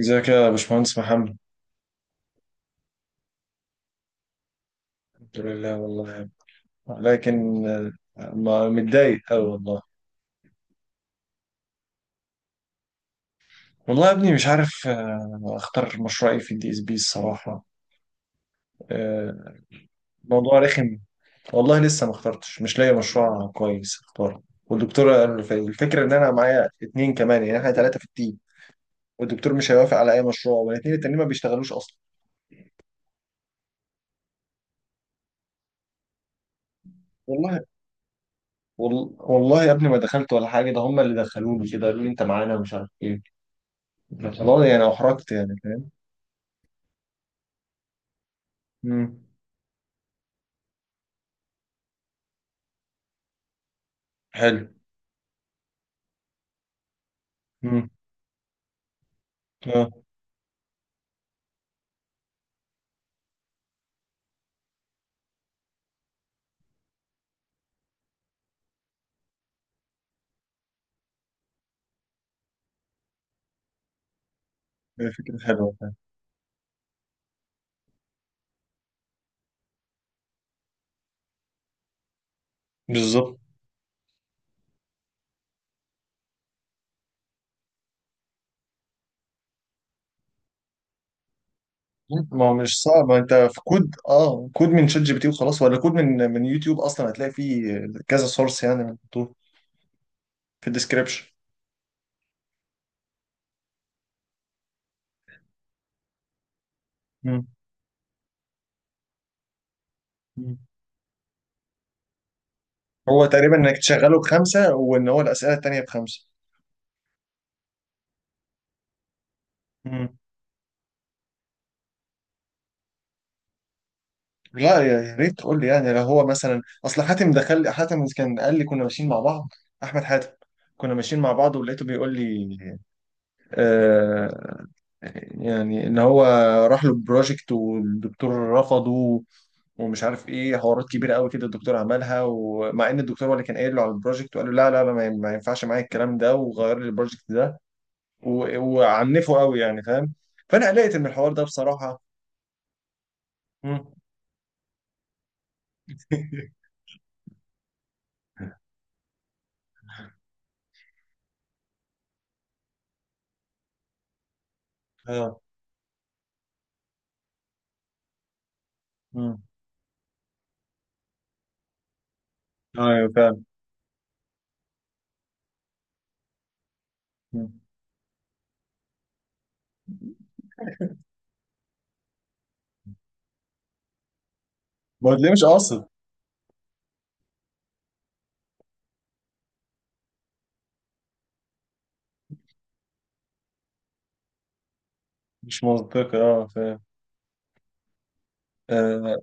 ازيك يا باشمهندس محمد. الحمد لله والله. لكن متضايق أوي والله. والله يا ابني مش عارف، اختار مشروع ايه في الدي اس بي الصراحة. آه، موضوع رخم. والله لسه ما اخترتش، مش لاقي مشروع كويس اختاره. والدكتور الفكرة ان انا معايا اتنين كمان، يعني احنا تلاتة في التيم. والدكتور مش هيوافق على اي مشروع، والاتنين التانيين ما بيشتغلوش اصلا. والله. والله يا ابني ما دخلت ولا حاجة، ده هم اللي دخلوني كده، قالوا لي انت معانا مش عارف ايه. والله يعني احرجت، يعني فاهم. مم. حلو. مم. اه. هي فكرة حلوة فعلا. بالظبط. ما هو مش صعب، انت في كود، كود من شات جي بي تي وخلاص، ولا كود من يوتيوب اصلا هتلاقي فيه كذا سورس يعني، محطوط في الديسكربشن. مم. مم. هو تقريبا انك تشغله بخمسة، وان هو الاسئلة التانية بخمسة. مم. لا، يا ريت تقول لي. يعني لو هو مثلا، اصل حاتم دخل، حاتم كان قال لي كنا ماشيين مع بعض. احمد حاتم، كنا ماشيين مع بعض ولقيته بيقول لي، آه، يعني ان هو راح له بروجكت والدكتور رفضه، ومش عارف ايه، حوارات كبيره قوي كده الدكتور عملها، ومع ان الدكتور هو اللي كان قايل له على البروجكت، وقال له لا لا لا، ما ينفعش معايا الكلام ده، وغير لي البروجكت ده. وعنفه قوي يعني فاهم. فانا قلقت من الحوار ده بصراحه. مم. اه. مم. ايوه فاهم. مم. ما هو تلاقيه مش قاصد. مش منطقي، اه فاهم. آه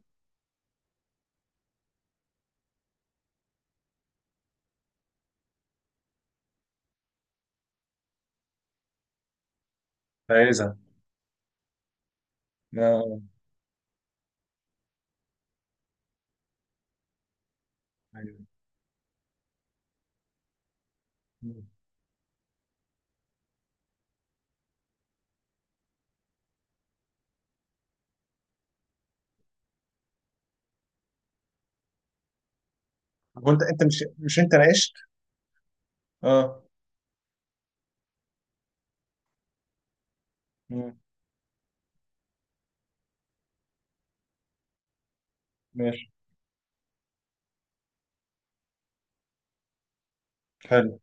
عايزها. اه. ايوه. مم. وانت مش انت ناقشت؟ اه. مم. ماشي. حلو.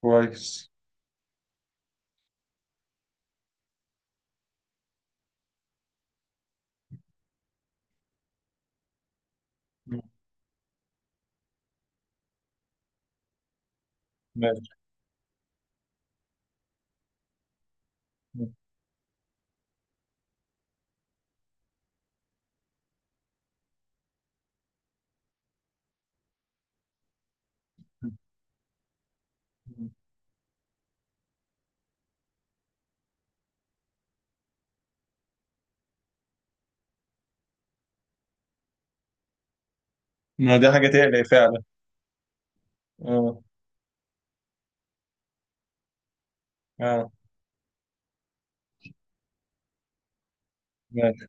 كويس. ماشي. ما دي حاجة تقلق فعلا. اه. اه. ماشي.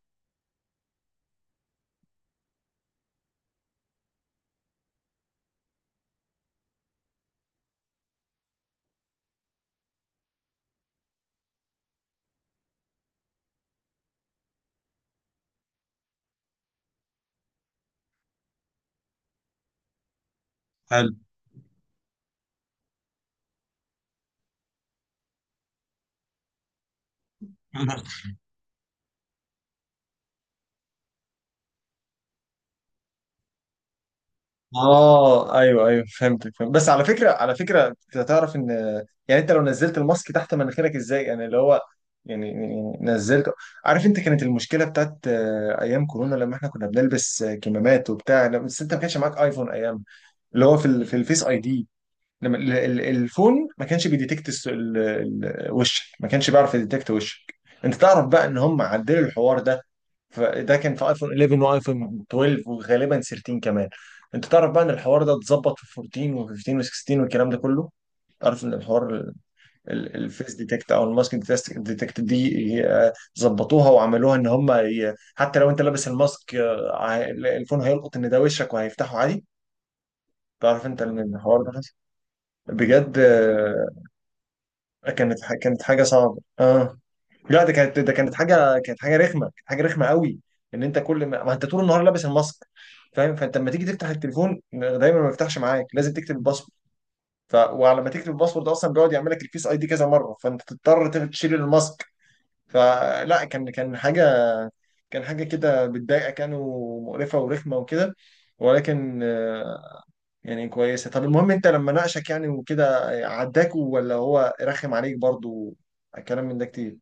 حلو. اه. ايوه، ايوه فهمتك، فهمت. بس على فكره، على فكره انت تعرف ان، يعني انت لو نزلت الماسك تحت مناخيرك ازاي، يعني اللي هو، يعني نزلت. عارف انت، كانت المشكله بتاعت ايام كورونا، لما احنا كنا بنلبس كمامات وبتاع، بس انت ما كانش معاك ايفون ايام، اللي هو في في الفيس اي دي، لما ال- ال- الفون ما كانش بيديتكت، وشك، ما كانش بيعرف يديتكت وشك. انت تعرف بقى ان هم عدلوا الحوار ده، فده كان في ايفون 11 وايفون 12 وغالبا 13 كمان. انت تعرف بقى ان الحوار ده اتظبط في 14 و15 و16 والكلام ده كله. تعرف ان الحوار ال- ال- الفيس ديتكت او الماسك ديتكت دي، آه، ظبطوها وعملوها ان هم، حتى لو انت لابس الماسك، الفون هيلقط ان ده وشك وهيفتحه عادي. تعرف انت ان الحوار ده حصل بجد؟ كانت حاجه صعبه اه. لا، ده كانت ده كانت حاجه كانت حاجه رخمه، كانت حاجه رخمه قوي. ان انت، كل ما, ما انت طول النهار لابس الماسك فاهم. فانت لما تيجي تفتح التليفون دايما ما بيفتحش معاك، لازم تكتب الباسورد. وعلى ما تكتب الباسورد، ده اصلا بيقعد يعمل لك الفيس اي دي كذا مره، فانت تضطر تشيل الماسك. فلا، كان حاجه كده بتضايقك يعني، ومقرفه ورخمه وكده. ولكن، يعني كويسة. طب المهم، انت لما ناقشك يعني وكده، عداك ولا هو رخم عليك برضو؟ الكلام من ده كتير.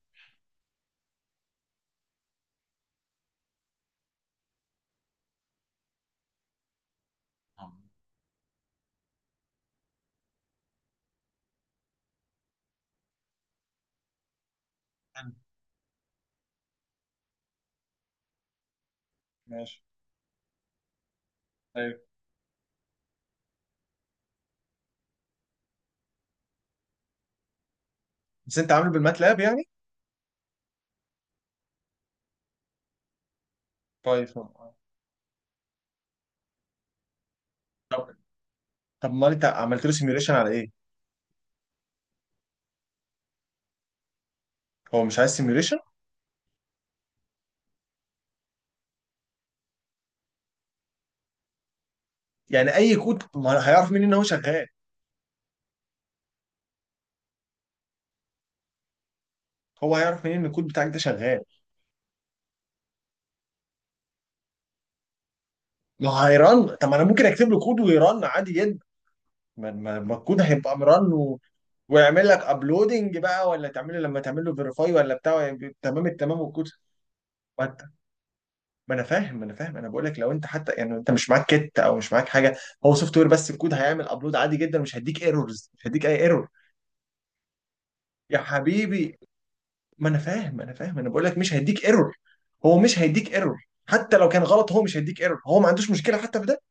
آه. حلو. ماشي. طيب بس انت عامل بالماتلاب يعني؟ كويس والله. طب، امال انت عملت له سيميوليشن على ايه؟ هو مش عايز سيميوليشن؟ يعني اي كود، ما هيعرف منين ان هو شغال؟ هو هيعرف منين ان الكود بتاعك ده شغال؟ ما هو هيرن. طب ما انا ممكن اكتب له كود ويرن عادي جدا. ما الكود هيبقى مرن، و... ويعمل لك ابلودنج بقى، ولا تعمل، لما تعمل له فيريفاي ولا بتاع، ويبقى تمام التمام والكود. ما انا فاهم، انا بقول لك لو انت حتى، يعني انت مش معاك كت او مش معاك حاجه، هو سوفت وير بس، الكود هيعمل ابلود عادي جدا، مش هيديك ايرورز، مش هيديك اي ايرور. يا حبيبي، ما انا فاهم انا فاهم، انا بقول لك مش هيديك ايرور. هو مش هيديك ايرور، حتى لو كان غلط هو مش هيديك ايرور، هو ما عندوش مشكله حتى في ده.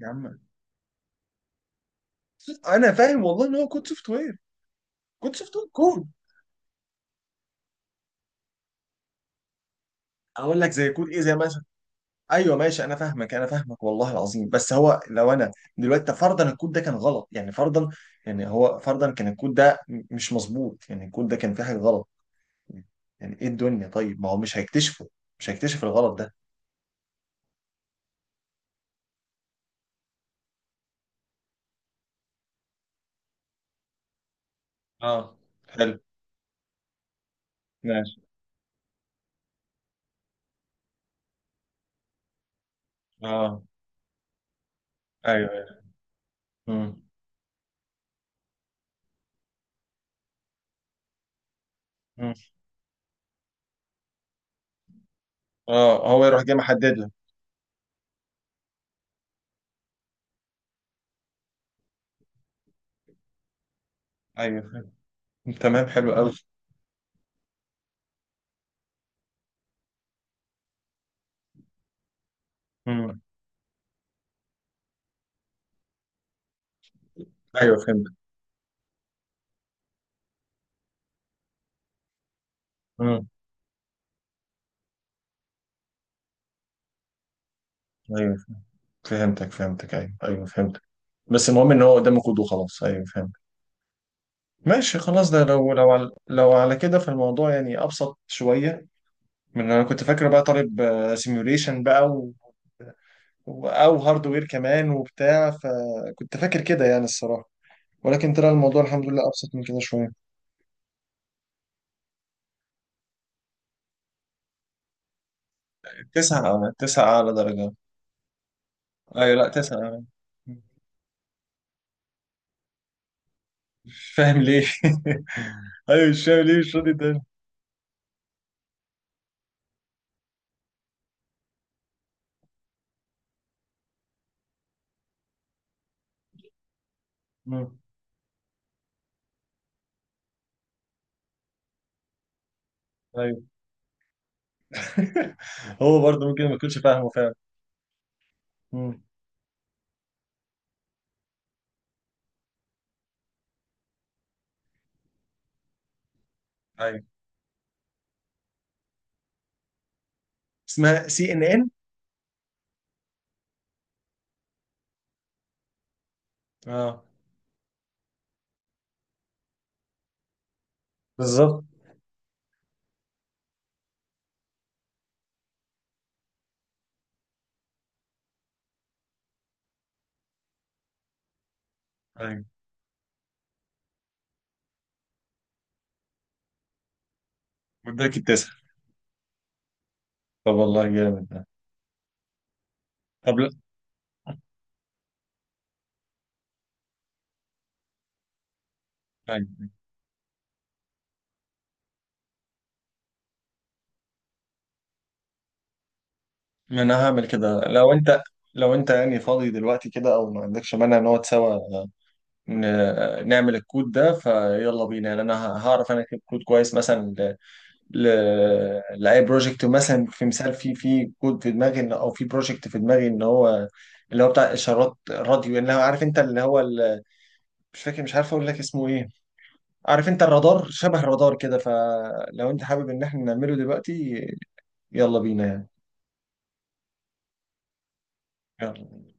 يا عم، انا فاهم والله ان هو كود سوفت وير، كود سوفت وير، كود. اقول لك زي كود ايه، زي مثلا؟ ايوه ماشي، انا فاهمك والله العظيم. بس هو، لو انا دلوقتي، طب فرضا الكود ده كان غلط، يعني فرضا، يعني هو فرضا كان الكود ده مش مظبوط، يعني الكود ده كان فيه حاجه غلط، يعني ايه الدنيا؟ طيب ما هو مش هيكتشفه؟ مش هيكتشف الغلط ده؟ اه. حلو. ماشي. اه، ايوه، ايوه. مم. مم. اه، هو يروح جاي محدد لك. ايوه فهمت. تمام، حلو قوي. مم. ايوه فهمت. مم. ايوه فهمتك، فهمتك، ايوه، ايوه فهمتك. بس المهم ان هو قدامك كود وخلاص. ايوه فهمت. ماشي خلاص. ده لو، لو على لو على كده، فالموضوع يعني ابسط شويه من اللي انا كنت فاكر بقى، طالب سيميوليشن بقى، و... او هاردوير كمان وبتاع، فكنت فاكر كده يعني الصراحه. ولكن طلع الموضوع الحمد لله ابسط من كده شويه. تسعة أعلى؟ تسعة أعلى درجة؟ أيوة. لأ، تسعة أعلى. مش فاهم ليه. أيوة، مش فاهم ليه مش راضي تاني. مم. أيوة. هو برضه ممكن ما يكونش فاهمه فعلا. مم. أيوة، اسمها سي إن إن. أه. بالظبط. أيوة، مدرك التسع. طب والله جامد ده. طب لا. أيوة. ما انا هعمل كده لو انت، يعني فاضي دلوقتي كده او ما عندكش مانع نقعد سوا، نعمل الكود ده فيلا بينا يعني. انا هعرف انا اكتب كود كويس مثلا، ل... لاي بروجكت مثلا، في مثال، في كود في دماغي، او في بروجكت في دماغي، ان هو اللي هو بتاع اشارات راديو، اللي هو عارف انت، اللي هو مش فاكر، مش عارف اقول لك اسمه ايه. عارف انت الرادار، شبه الرادار كده. فلو انت حابب ان احنا نعمله دلوقتي، يلا بينا يعني. يلا.